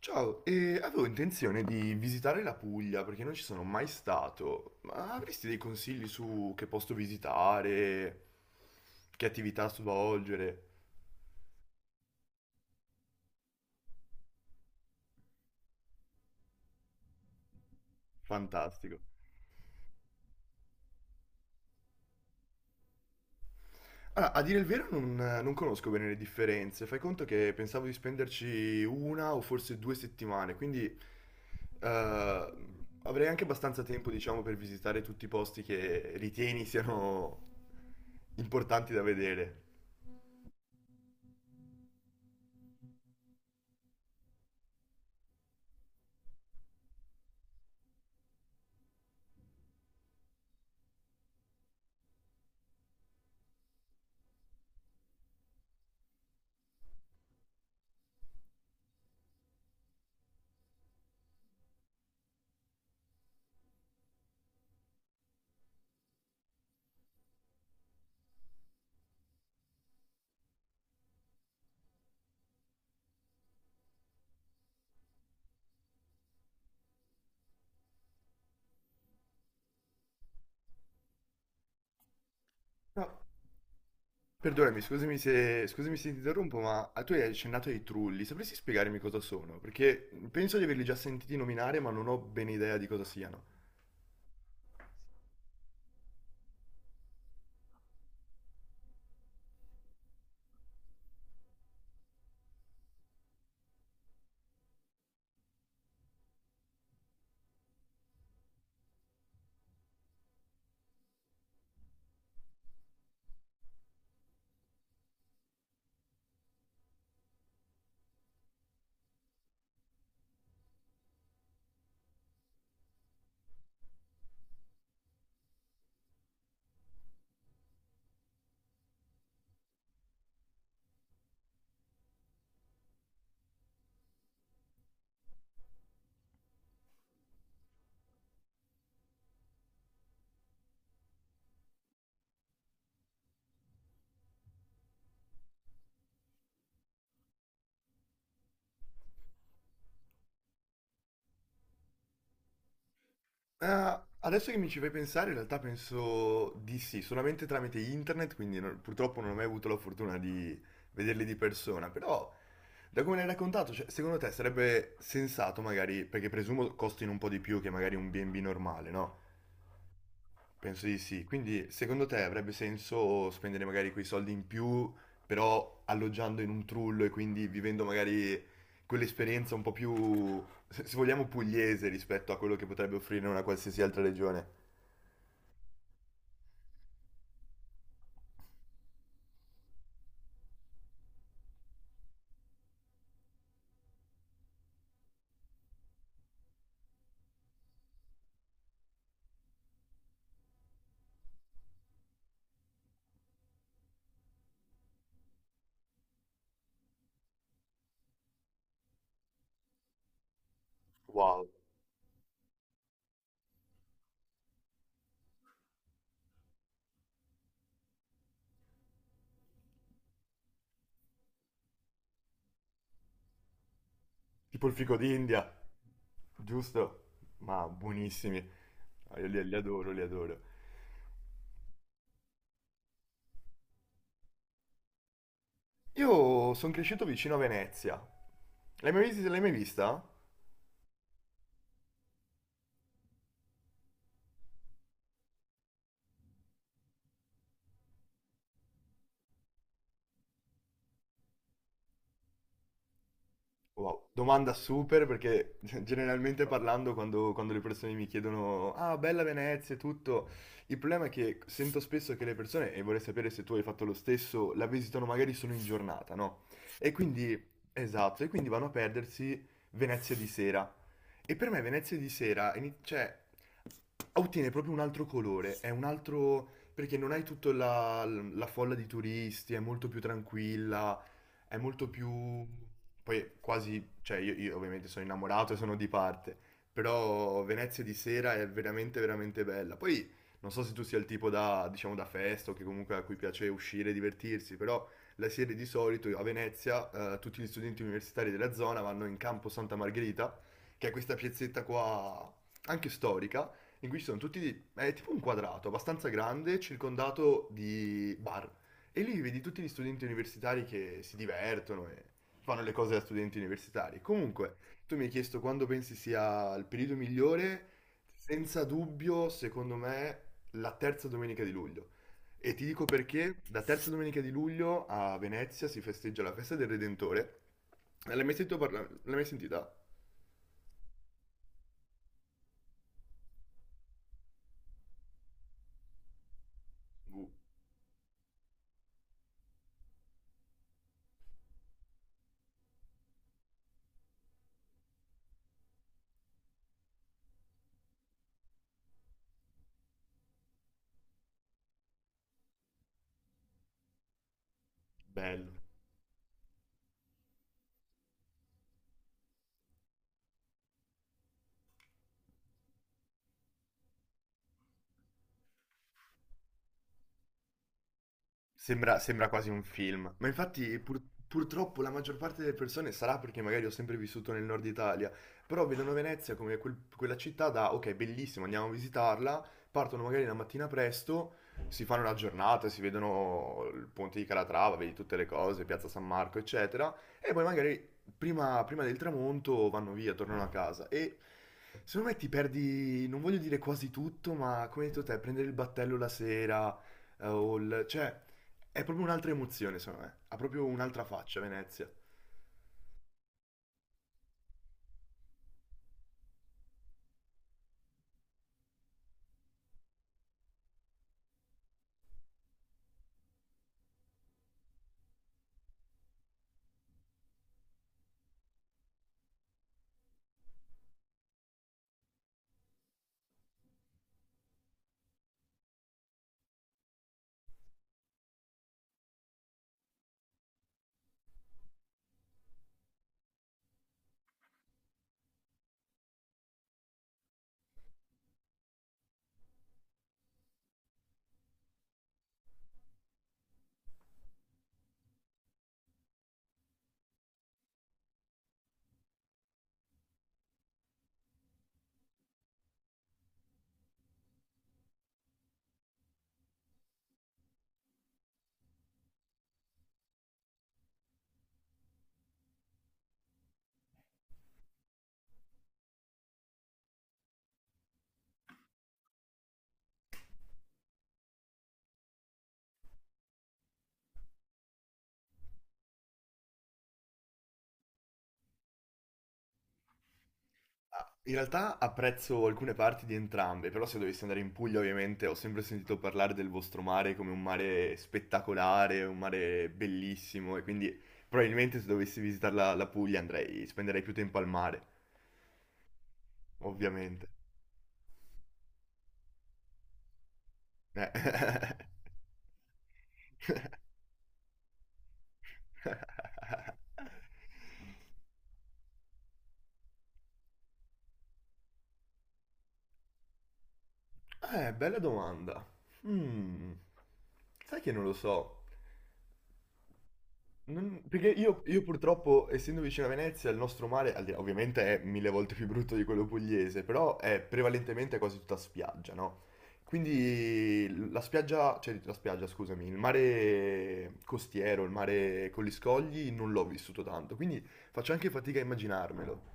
Ciao, avevo intenzione di visitare la Puglia perché non ci sono mai stato, ma avresti dei consigli su che posto visitare, che attività svolgere? Fantastico. Allora, a dire il vero non conosco bene le differenze, fai conto che pensavo di spenderci una o forse due settimane, quindi eh, avrei anche abbastanza tempo, diciamo, per visitare tutti i posti che ritieni siano importanti da vedere. No, perdonami, scusami se ti interrompo, ma tu hai accennato ai trulli, sapresti spiegarmi cosa sono? Perché penso di averli già sentiti nominare, ma non ho ben idea di cosa siano. Ah, adesso che mi ci fai pensare, in realtà penso di sì, solamente tramite internet, quindi purtroppo non ho mai avuto la fortuna di vederli di persona, però da come l'hai raccontato, cioè, secondo te sarebbe sensato magari, perché presumo costino un po' di più che magari un B&B normale, no? Penso di sì. Quindi, secondo te avrebbe senso spendere magari quei soldi in più, però alloggiando in un trullo e quindi vivendo magari quell'esperienza un po' più, se vogliamo, pugliese rispetto a quello che potrebbe offrire una qualsiasi altra regione? Wow. Tipo il fico d'India, giusto? Ma buonissimi. Ah, io li adoro, li adoro. Io sono cresciuto vicino a Venezia. L'hai mai vista? Wow, domanda super perché generalmente parlando quando le persone mi chiedono ah, bella Venezia e tutto, il problema è che sento spesso che le persone, e vorrei sapere se tu hai fatto lo stesso, la visitano magari solo in giornata, no? E quindi, esatto, e quindi vanno a perdersi Venezia di sera. E per me Venezia di sera, cioè, ottiene proprio un altro colore, è un altro, perché non hai tutta la folla di turisti, è molto più tranquilla, è molto più... Poi quasi, cioè io ovviamente sono innamorato e sono di parte, però Venezia di sera è veramente veramente bella. Poi non so se tu sia il tipo da, diciamo, da festa o che comunque a cui piace uscire e divertirsi, però la sera di solito a Venezia tutti gli studenti universitari della zona vanno in Campo Santa Margherita, che è questa piazzetta qua anche storica, in cui ci sono tutti, è tipo un quadrato abbastanza grande, circondato di bar. E lì vedi tutti gli studenti universitari che si divertono e fanno le cose da studenti universitari. Comunque, tu mi hai chiesto quando pensi sia il periodo migliore, senza dubbio, secondo me, la terza domenica di luglio. E ti dico perché la terza domenica di luglio a Venezia si festeggia la festa del Redentore. L'hai mai sentita? Uh, bello. Sembra quasi un film, ma infatti purtroppo la maggior parte delle persone sarà perché magari ho sempre vissuto nel nord Italia, però vedono Venezia come quella città da ok, bellissimo, andiamo a visitarla, partono magari la mattina presto, si fanno una giornata, si vedono il ponte di Calatrava, vedi tutte le cose, Piazza San Marco, eccetera, e poi magari prima del tramonto vanno via, tornano a casa e secondo me ti perdi, non voglio dire quasi tutto, ma come hai detto te, prendere il battello la sera, cioè... È proprio un'altra emozione, secondo me. Ha proprio un'altra faccia Venezia. Ah, in realtà apprezzo alcune parti di entrambe, però se dovessi andare in Puglia, ovviamente, ho sempre sentito parlare del vostro mare come un mare spettacolare, un mare bellissimo, e quindi probabilmente se dovessi visitare la Puglia andrei, spenderei più tempo al mare, ovviamente. Eh. Bella domanda. Mm. Sai che non lo so. Perché io purtroppo, essendo vicino a Venezia, il nostro mare, ovviamente è mille volte più brutto di quello pugliese, però è prevalentemente quasi tutta spiaggia, no? Quindi la spiaggia, scusami, il mare costiero, il mare con gli scogli, non l'ho vissuto tanto, quindi faccio anche fatica a immaginarmelo.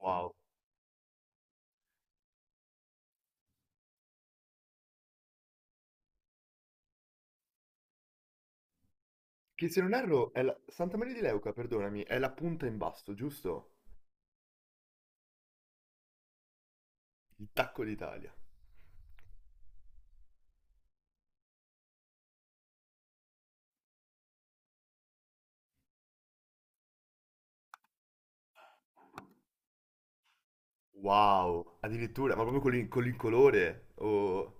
Wow. Che se non erro, Santa Maria di Leuca, perdonami, è la punta in basso, giusto? Il tacco d'Italia. Wow. Addirittura, ma proprio con con l'incolore, o...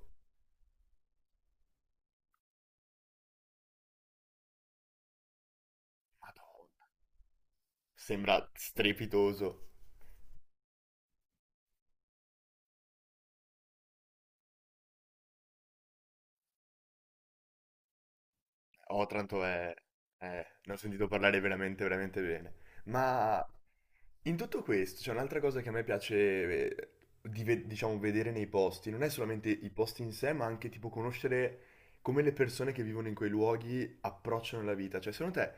Sembra strepitoso. Otranto è... ne ho sentito parlare veramente, veramente bene. Ma in tutto questo c'è un'altra cosa che a me piace, eh, di diciamo, vedere nei posti, non è solamente i posti in sé, ma anche tipo conoscere come le persone che vivono in quei luoghi approcciano la vita. Cioè, secondo te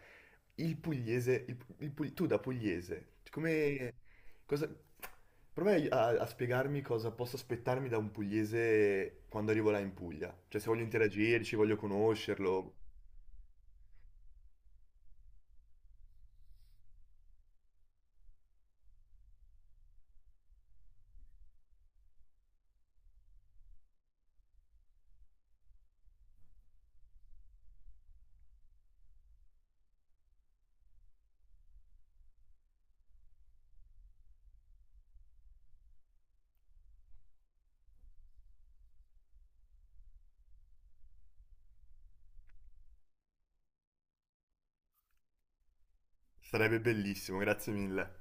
il pugliese, tu da pugliese, come, cosa, prova a, a spiegarmi cosa posso aspettarmi da un pugliese quando arrivo là in Puglia. Cioè, se voglio interagirci, voglio conoscerlo, sarebbe bellissimo, grazie mille.